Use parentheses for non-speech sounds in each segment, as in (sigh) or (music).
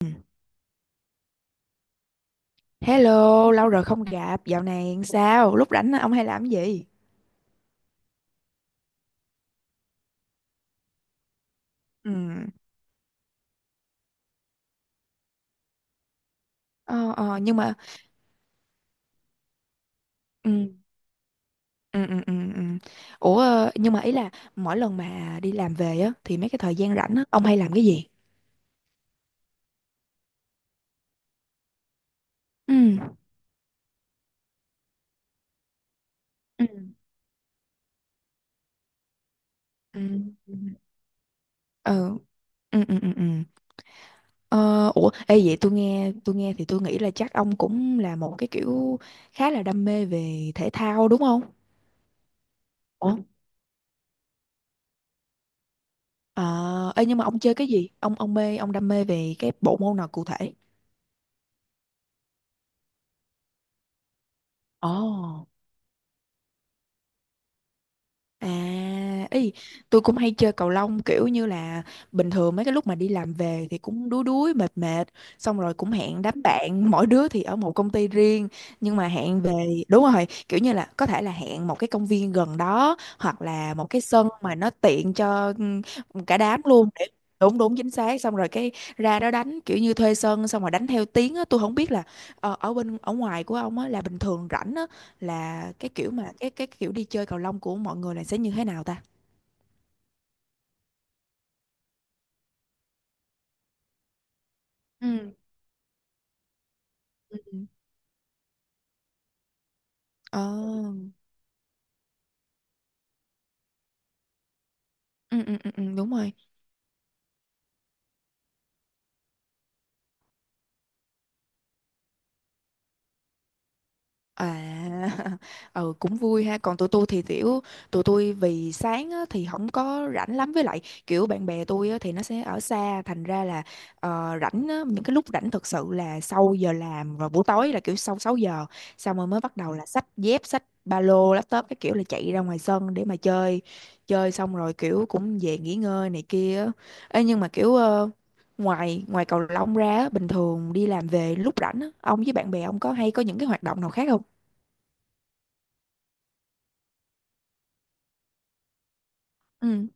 Ừ. Hello, lâu rồi không gặp, dạo này sao? Lúc rảnh ông hay làm cái gì? Ừ. Ờ, ờ, nhưng mà ừ. Ừ, ừ, ừ, ừ. Ủa nhưng mà ý là mỗi lần mà đi làm về á thì mấy cái thời gian rảnh á ông hay làm cái gì? Ừ. Ừ. Ừ. Ừ. Ừ. Ừ. Ừ. Ừ, ừ. Ờ, ủa ê, vậy tôi nghe thì tôi nghĩ là chắc ông cũng là một cái kiểu khá là đam mê về thể thao đúng không? Ủa? Ờ, ê nhưng mà ông chơi cái gì? Ông đam mê về cái bộ môn nào cụ thể? Ồ, à, ý, tôi cũng hay chơi cầu lông kiểu như là bình thường mấy cái lúc mà đi làm về thì cũng đuối đuối mệt mệt, xong rồi cũng hẹn đám bạn, mỗi đứa thì ở một công ty riêng nhưng mà hẹn về đúng rồi, kiểu như là có thể là hẹn một cái công viên gần đó hoặc là một cái sân mà nó tiện cho ừ, cả đám luôn, để đúng đúng chính xác, xong rồi cái ra đó đánh kiểu như thuê sân xong rồi đánh theo tiếng á, tôi không biết là ở bên ở ngoài của ông á là bình thường rảnh á là cái kiểu mà cái kiểu đi chơi cầu lông của mọi người là sẽ như thế nào ta. Ừ. Ừ. Ờ. Ừ, ừ, ừ, ừ, đúng rồi. À, (laughs) ừ, cũng vui ha. Còn tụi tôi thì kiểu tụi tôi vì sáng á, thì không có rảnh lắm, với lại kiểu bạn bè tôi á, thì nó sẽ ở xa, thành ra là rảnh á, những cái lúc rảnh thực sự là sau giờ làm rồi buổi tối, là kiểu sau 6 giờ xong rồi mới bắt đầu là xách dép xách ba lô laptop cái kiểu là chạy ra ngoài sân để mà chơi, chơi xong rồi kiểu cũng về nghỉ ngơi này kia á. Ê, nhưng mà kiểu ngoài ngoài cầu lông ra á, bình thường đi làm về lúc rảnh á, ông với bạn bè ông có hay có những cái hoạt động nào khác không? Ừ.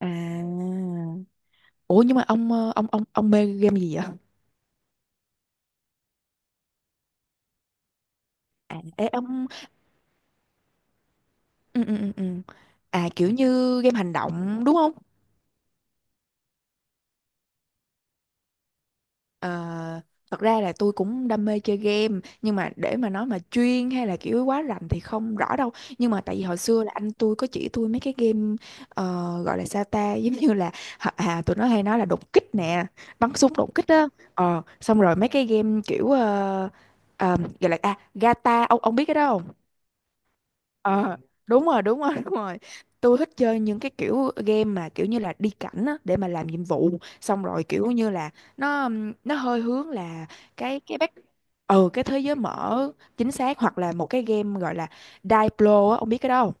À, ủa nhưng mà ông ờ, ông mê game gì vậy? À ê ông. Ừ, ừ, ừ. Ừ. À kiểu như game hành động đúng không? Ờ, thật ra là tôi cũng đam mê chơi game nhưng mà để mà nói mà chuyên hay là kiểu quá rành thì không rõ đâu. Nhưng mà tại vì hồi xưa là anh tôi có chỉ tôi mấy cái game ờ, gọi là sao ta, (laughs) giống như là à, à, tụi nó hay nói là đột kích nè, bắn súng đột kích á. Ờ, xong rồi mấy cái game kiểu gọi là à Gata, ông biết cái đó không? Ờ, đúng rồi, (laughs) đúng rồi. Tôi thích chơi những cái kiểu game mà kiểu như là đi cảnh á, để mà làm nhiệm vụ, xong rồi kiểu như là nó hơi hướng là cái back. Ừ, cái thế giới mở, chính xác. Hoặc là một cái game gọi là Diablo á, ông biết cái đó không?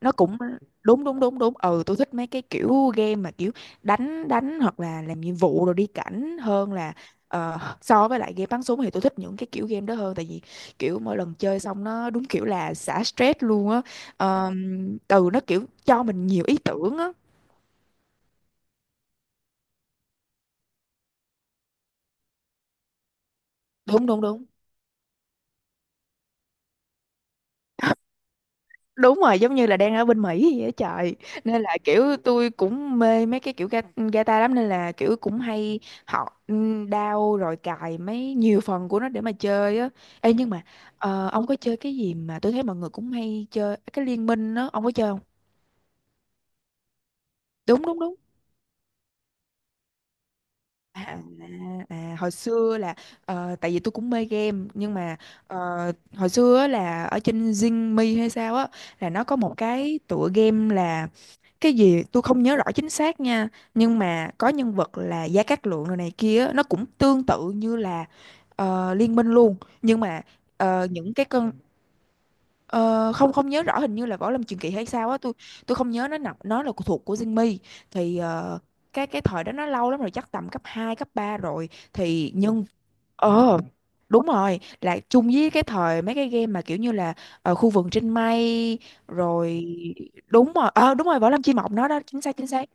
Nó cũng đúng đúng đúng đúng. Ừ, tôi thích mấy cái kiểu game mà kiểu đánh đánh hoặc là làm nhiệm vụ rồi đi cảnh hơn là ờ, so với lại game bắn súng, thì tôi thích những cái kiểu game đó hơn tại vì kiểu mỗi lần chơi xong nó đúng kiểu là xả stress luôn á. Từ nó kiểu cho mình nhiều ý tưởng á. Đúng đúng đúng, đúng rồi, giống như là đang ở bên Mỹ vậy á trời, nên là kiểu tôi cũng mê mấy cái kiểu ga- guitar lắm, nên là kiểu cũng hay học đao rồi cài mấy nhiều phần của nó để mà chơi á. Ê nhưng mà ông có chơi cái gì mà tôi thấy mọi người cũng hay chơi cái liên minh đó, ông có chơi không? Đúng đúng đúng. À, à hồi xưa là tại vì tôi cũng mê game nhưng mà ờ, hồi xưa á là ở trên Zing Me hay sao á, là nó có một cái tựa game là cái gì tôi không nhớ rõ chính xác nha, nhưng mà có nhân vật là Gia Cát Lượng rồi này kia á, nó cũng tương tự như là Liên Minh luôn, nhưng mà những cái cơn ờ, không không nhớ rõ, hình như là Võ Lâm Truyền Kỳ hay sao á, tôi không nhớ, nó nằm nó là thuộc của Jinmi thì cái thời đó nó lâu lắm rồi, chắc tầm cấp 2 cấp 3 rồi thì nhân. Ờ đúng rồi, là chung với cái thời mấy cái game mà kiểu như là khu vườn trên mây rồi. Đúng rồi, ờ đúng rồi, Võ Lâm Chi Mộng nó đó, chính xác chính xác.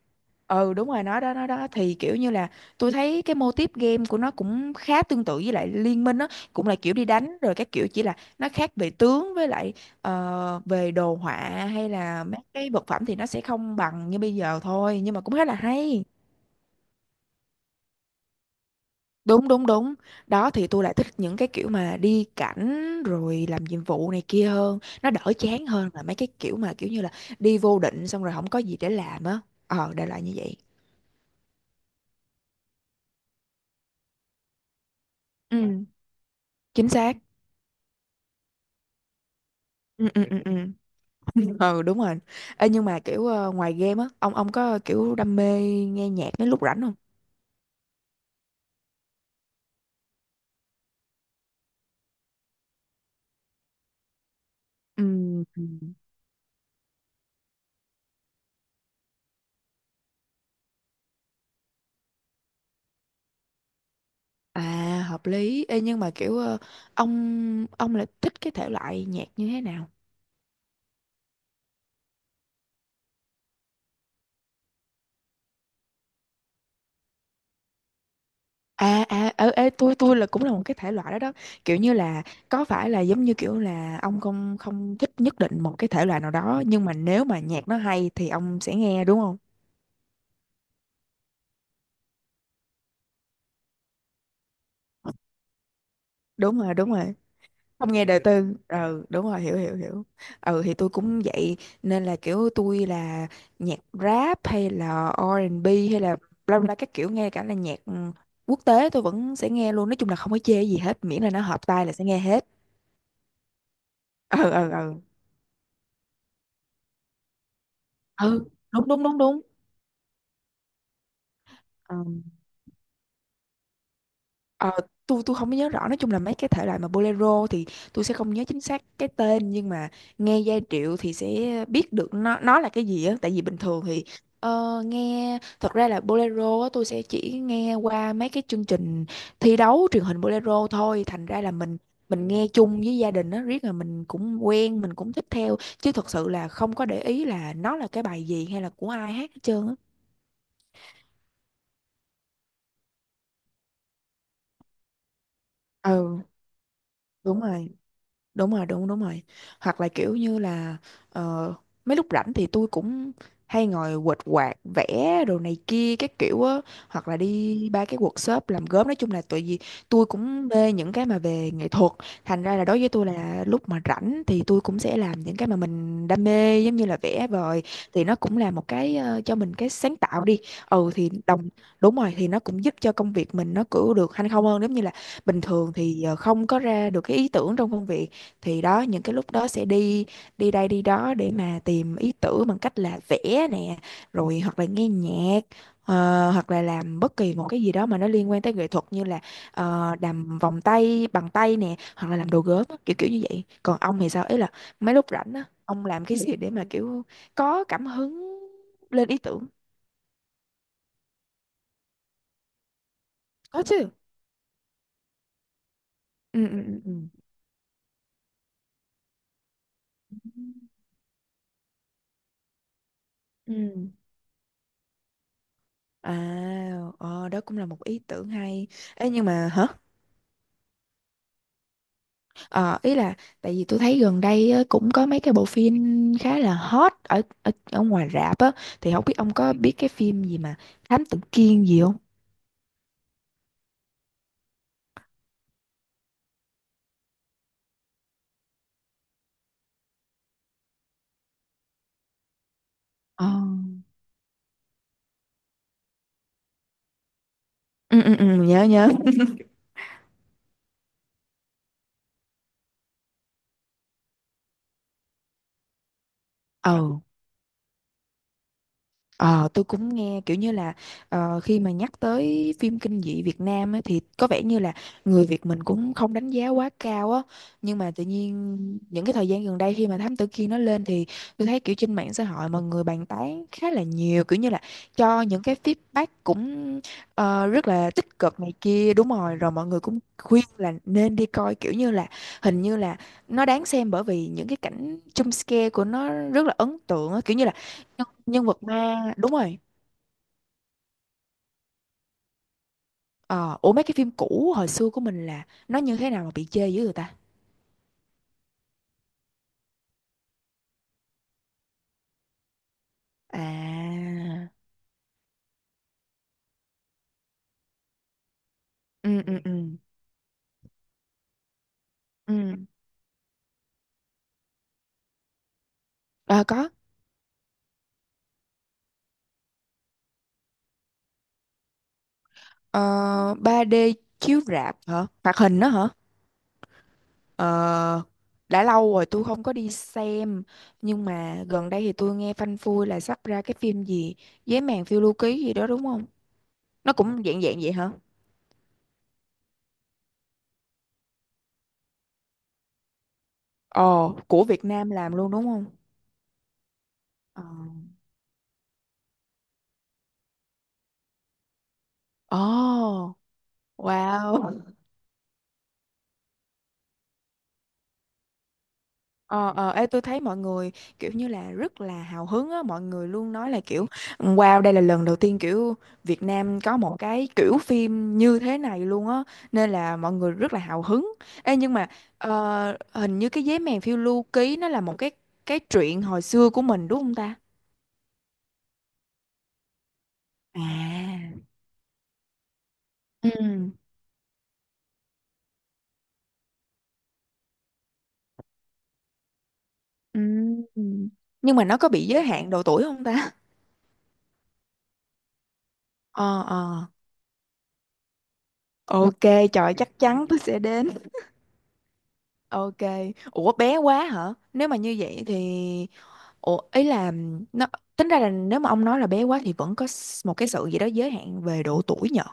Ừ đúng rồi, nó đó nó đó, thì kiểu như là tôi thấy cái mô típ game của nó cũng khá tương tự với lại Liên Minh á, cũng là kiểu đi đánh rồi các kiểu, chỉ là nó khác về tướng với lại về đồ họa hay là mấy cái vật phẩm thì nó sẽ không bằng như bây giờ thôi, nhưng mà cũng khá là hay. Đúng đúng đúng, đó thì tôi lại thích những cái kiểu mà đi cảnh rồi làm nhiệm vụ này kia hơn, nó đỡ chán hơn là mấy cái kiểu mà kiểu như là đi vô định xong rồi không có gì để làm á, ờ đại loại như vậy. Ừ, chính xác. Ừ ừ ừ ừ. (laughs) Ừ đúng rồi. Ê, nhưng mà kiểu ngoài game á, ông có kiểu đam mê nghe nhạc mấy lúc rảnh không? Ừm. À, hợp lý. Ê, nhưng mà kiểu ông lại thích cái thể loại nhạc như thế nào? À, à ở ê, tôi là cũng là một cái thể loại đó đó. Kiểu như là có phải là giống như kiểu là ông không không thích nhất định một cái thể loại nào đó, nhưng mà nếu mà nhạc nó hay thì ông sẽ nghe đúng không? Đúng rồi, đúng rồi. Không nghe đời tư. Ừ, đúng rồi, hiểu hiểu hiểu. Ừ thì tôi cũng vậy, nên là kiểu tôi là nhạc rap hay là R&B hay là bla bla các kiểu, nghe cả là nhạc ừ, quốc tế tôi vẫn sẽ nghe luôn. Nói chung là không có chê gì hết, miễn là nó hợp tai là sẽ nghe hết. Ừ ừ ừ. Ừ, đúng đúng đúng đúng. Ờ, tôi không có nhớ rõ, nói chung là mấy cái thể loại mà bolero thì tôi sẽ không nhớ chính xác cái tên, nhưng mà nghe giai điệu thì sẽ biết được nó là cái gì á, tại vì bình thường thì nghe thật ra là bolero á, tôi sẽ chỉ nghe qua mấy cái chương trình thi đấu truyền hình bolero thôi, thành ra là mình nghe chung với gia đình á, riết là mình cũng quen, mình cũng thích theo, chứ thật sự là không có để ý là nó là cái bài gì hay là của ai hát hết trơn á. Ừ đúng rồi, đúng rồi, đúng đúng rồi. Hoặc là kiểu như là ờ, mấy lúc rảnh thì tôi cũng hay ngồi quệt quạt vẽ đồ này kia các kiểu á, hoặc là đi ba cái workshop làm gốm, nói chung là tại vì tôi cũng mê những cái mà về nghệ thuật, thành ra là đối với tôi là lúc mà rảnh thì tôi cũng sẽ làm những cái mà mình đam mê giống như là vẽ vời, thì nó cũng là một cái cho mình cái sáng tạo đi. Ừ thì đồng, đúng rồi, thì nó cũng giúp cho công việc mình nó cứ được hanh không hơn, giống như là bình thường thì không có ra được cái ý tưởng trong công việc, thì đó những cái lúc đó sẽ đi đi đây đi đó để mà tìm ý tưởng bằng cách là vẽ nè, rồi hoặc là nghe nhạc hoặc là làm bất kỳ một cái gì đó mà nó liên quan tới nghệ thuật, như là làm vòng tay bằng tay nè hoặc là làm đồ gốm á, kiểu kiểu như vậy. Còn ông thì sao, ý là mấy lúc rảnh á ông làm cái gì để mà kiểu có cảm hứng lên ý tưởng? Có chứ. Ừ ừ ừ ừ. Ừ. à Đó cũng là một ý tưởng hay. Ê, nhưng mà hả? Ờ, ý là tại vì tôi thấy gần đây á, cũng có mấy cái bộ phim khá là hot ở ở, ở ngoài rạp á, thì không biết ông có biết cái phim gì mà Thám Tử Kiên gì không? Ờ. Ừ ừ ừ, nhớ nhớ. Ừ. Ờ, tôi cũng nghe kiểu như là ờ, khi mà nhắc tới phim kinh dị Việt Nam á, thì có vẻ như là người Việt mình cũng không đánh giá quá cao á, nhưng mà tự nhiên những cái thời gian gần đây khi mà Thám Tử Kiên nó lên thì tôi thấy kiểu trên mạng xã hội mọi người bàn tán khá là nhiều, kiểu như là cho những cái feedback cũng rất là tích cực này kia. Đúng rồi, rồi mọi người cũng khuyên là nên đi coi, kiểu như là hình như là nó đáng xem bởi vì những cái cảnh jump scare của nó rất là ấn tượng á, kiểu như là nhân nhân vật ma, đúng rồi. Ờ, ủa mấy cái phim cũ hồi xưa của mình là nó như thế nào mà bị chê dữ người ta? À. Ừ ừ ừ ừ. À có. Ờ, 3D chiếu rạp hả, hoạt hình đó hả? Ờ, đã lâu rồi tôi không có đi xem, nhưng mà gần đây thì tôi nghe phanh phui là sắp ra cái phim gì Giấy màn phiêu lưu ký gì đó đúng không? Nó cũng dạng dạng vậy hả? Ồ, của Việt Nam làm luôn đúng không? Ờ. Ồ. Wow. Ờ, ờ, ê, tôi thấy mọi người kiểu như là rất là hào hứng á, mọi người luôn nói là kiểu wow đây là lần đầu tiên kiểu Việt Nam có một cái kiểu phim như thế này luôn á, nên là mọi người rất là hào hứng. Ê, nhưng mà ờ, hình như cái giấy mèn phiêu lưu ký nó là một cái truyện hồi xưa của mình đúng không ta? À. Ừ. Ừ. Nhưng mà nó có bị giới hạn độ tuổi không ta? Ờ ờ. Ok, trời chắc chắn tôi sẽ đến. Ok. Ủa bé quá hả? Nếu mà như vậy thì ủa ý là nó tính ra là nếu mà ông nói là bé quá thì vẫn có một cái sự gì đó giới hạn về độ tuổi nhở?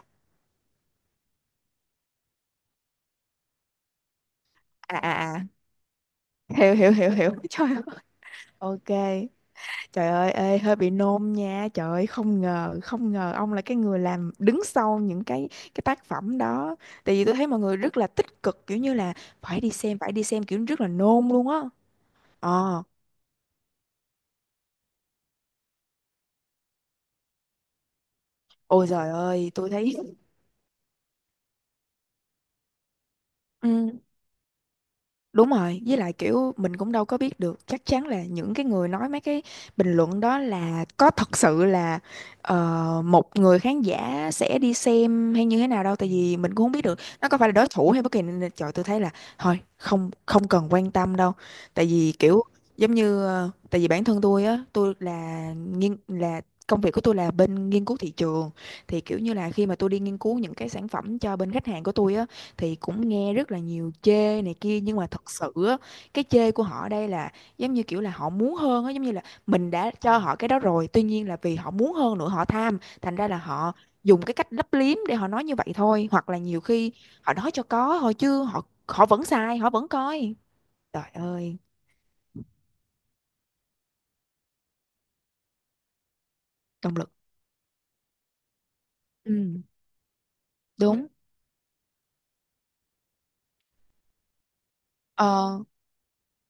À à à. (laughs) Hiểu hiểu hiểu hiểu. (laughs) Trời ơi. Ok. Trời ơi ê, hơi bị nôn nha. Trời ơi không ngờ, không ngờ ông là cái người làm đứng sau những cái tác phẩm đó. Tại vì tôi thấy mọi người rất là tích cực, kiểu như là phải đi xem kiểu rất là nôn luôn á. Ờ. Ôi trời ơi, tôi thấy. Ừ. Đúng rồi, với lại kiểu mình cũng đâu có biết được chắc chắn là những cái người nói mấy cái bình luận đó là có thật sự là một người khán giả sẽ đi xem hay như thế nào đâu, tại vì mình cũng không biết được nó có phải là đối thủ hay bất kỳ, nên là trời tôi thấy là thôi không, không cần quan tâm đâu. Tại vì kiểu giống như ờ, tại vì bản thân tôi á, tôi là nghiên là công việc của tôi là bên nghiên cứu thị trường, thì kiểu như là khi mà tôi đi nghiên cứu những cái sản phẩm cho bên khách hàng của tôi á, thì cũng nghe rất là nhiều chê này kia, nhưng mà thật sự á, cái chê của họ ở đây là giống như kiểu là họ muốn hơn á, giống như là mình đã cho họ cái đó rồi, tuy nhiên là vì họ muốn hơn nữa họ tham, thành ra là họ dùng cái cách lấp liếm để họ nói như vậy thôi, hoặc là nhiều khi họ nói cho có thôi chứ họ họ vẫn sai họ vẫn coi. Trời ơi. Động lực. Ừ, đúng. Ờ,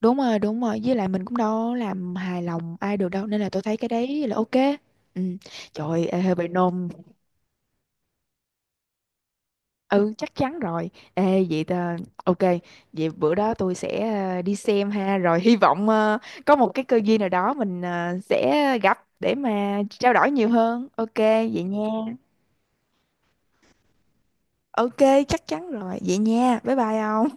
đúng rồi, đúng rồi. Với lại mình cũng đâu làm hài lòng ai được đâu. Nên là tôi thấy cái đấy là ok. Ừ. Trời ơi ê, hơi bị nôn. Ừ chắc chắn rồi. Ê vậy ta, ok. Vậy bữa đó tôi sẽ ờ, đi xem ha. Rồi hy vọng ờ, có một cái cơ duyên nào đó mình ờ, sẽ gặp để mà trao đổi nhiều hơn. Ok vậy nha. Ok chắc chắn rồi. Vậy nha bye bye ông.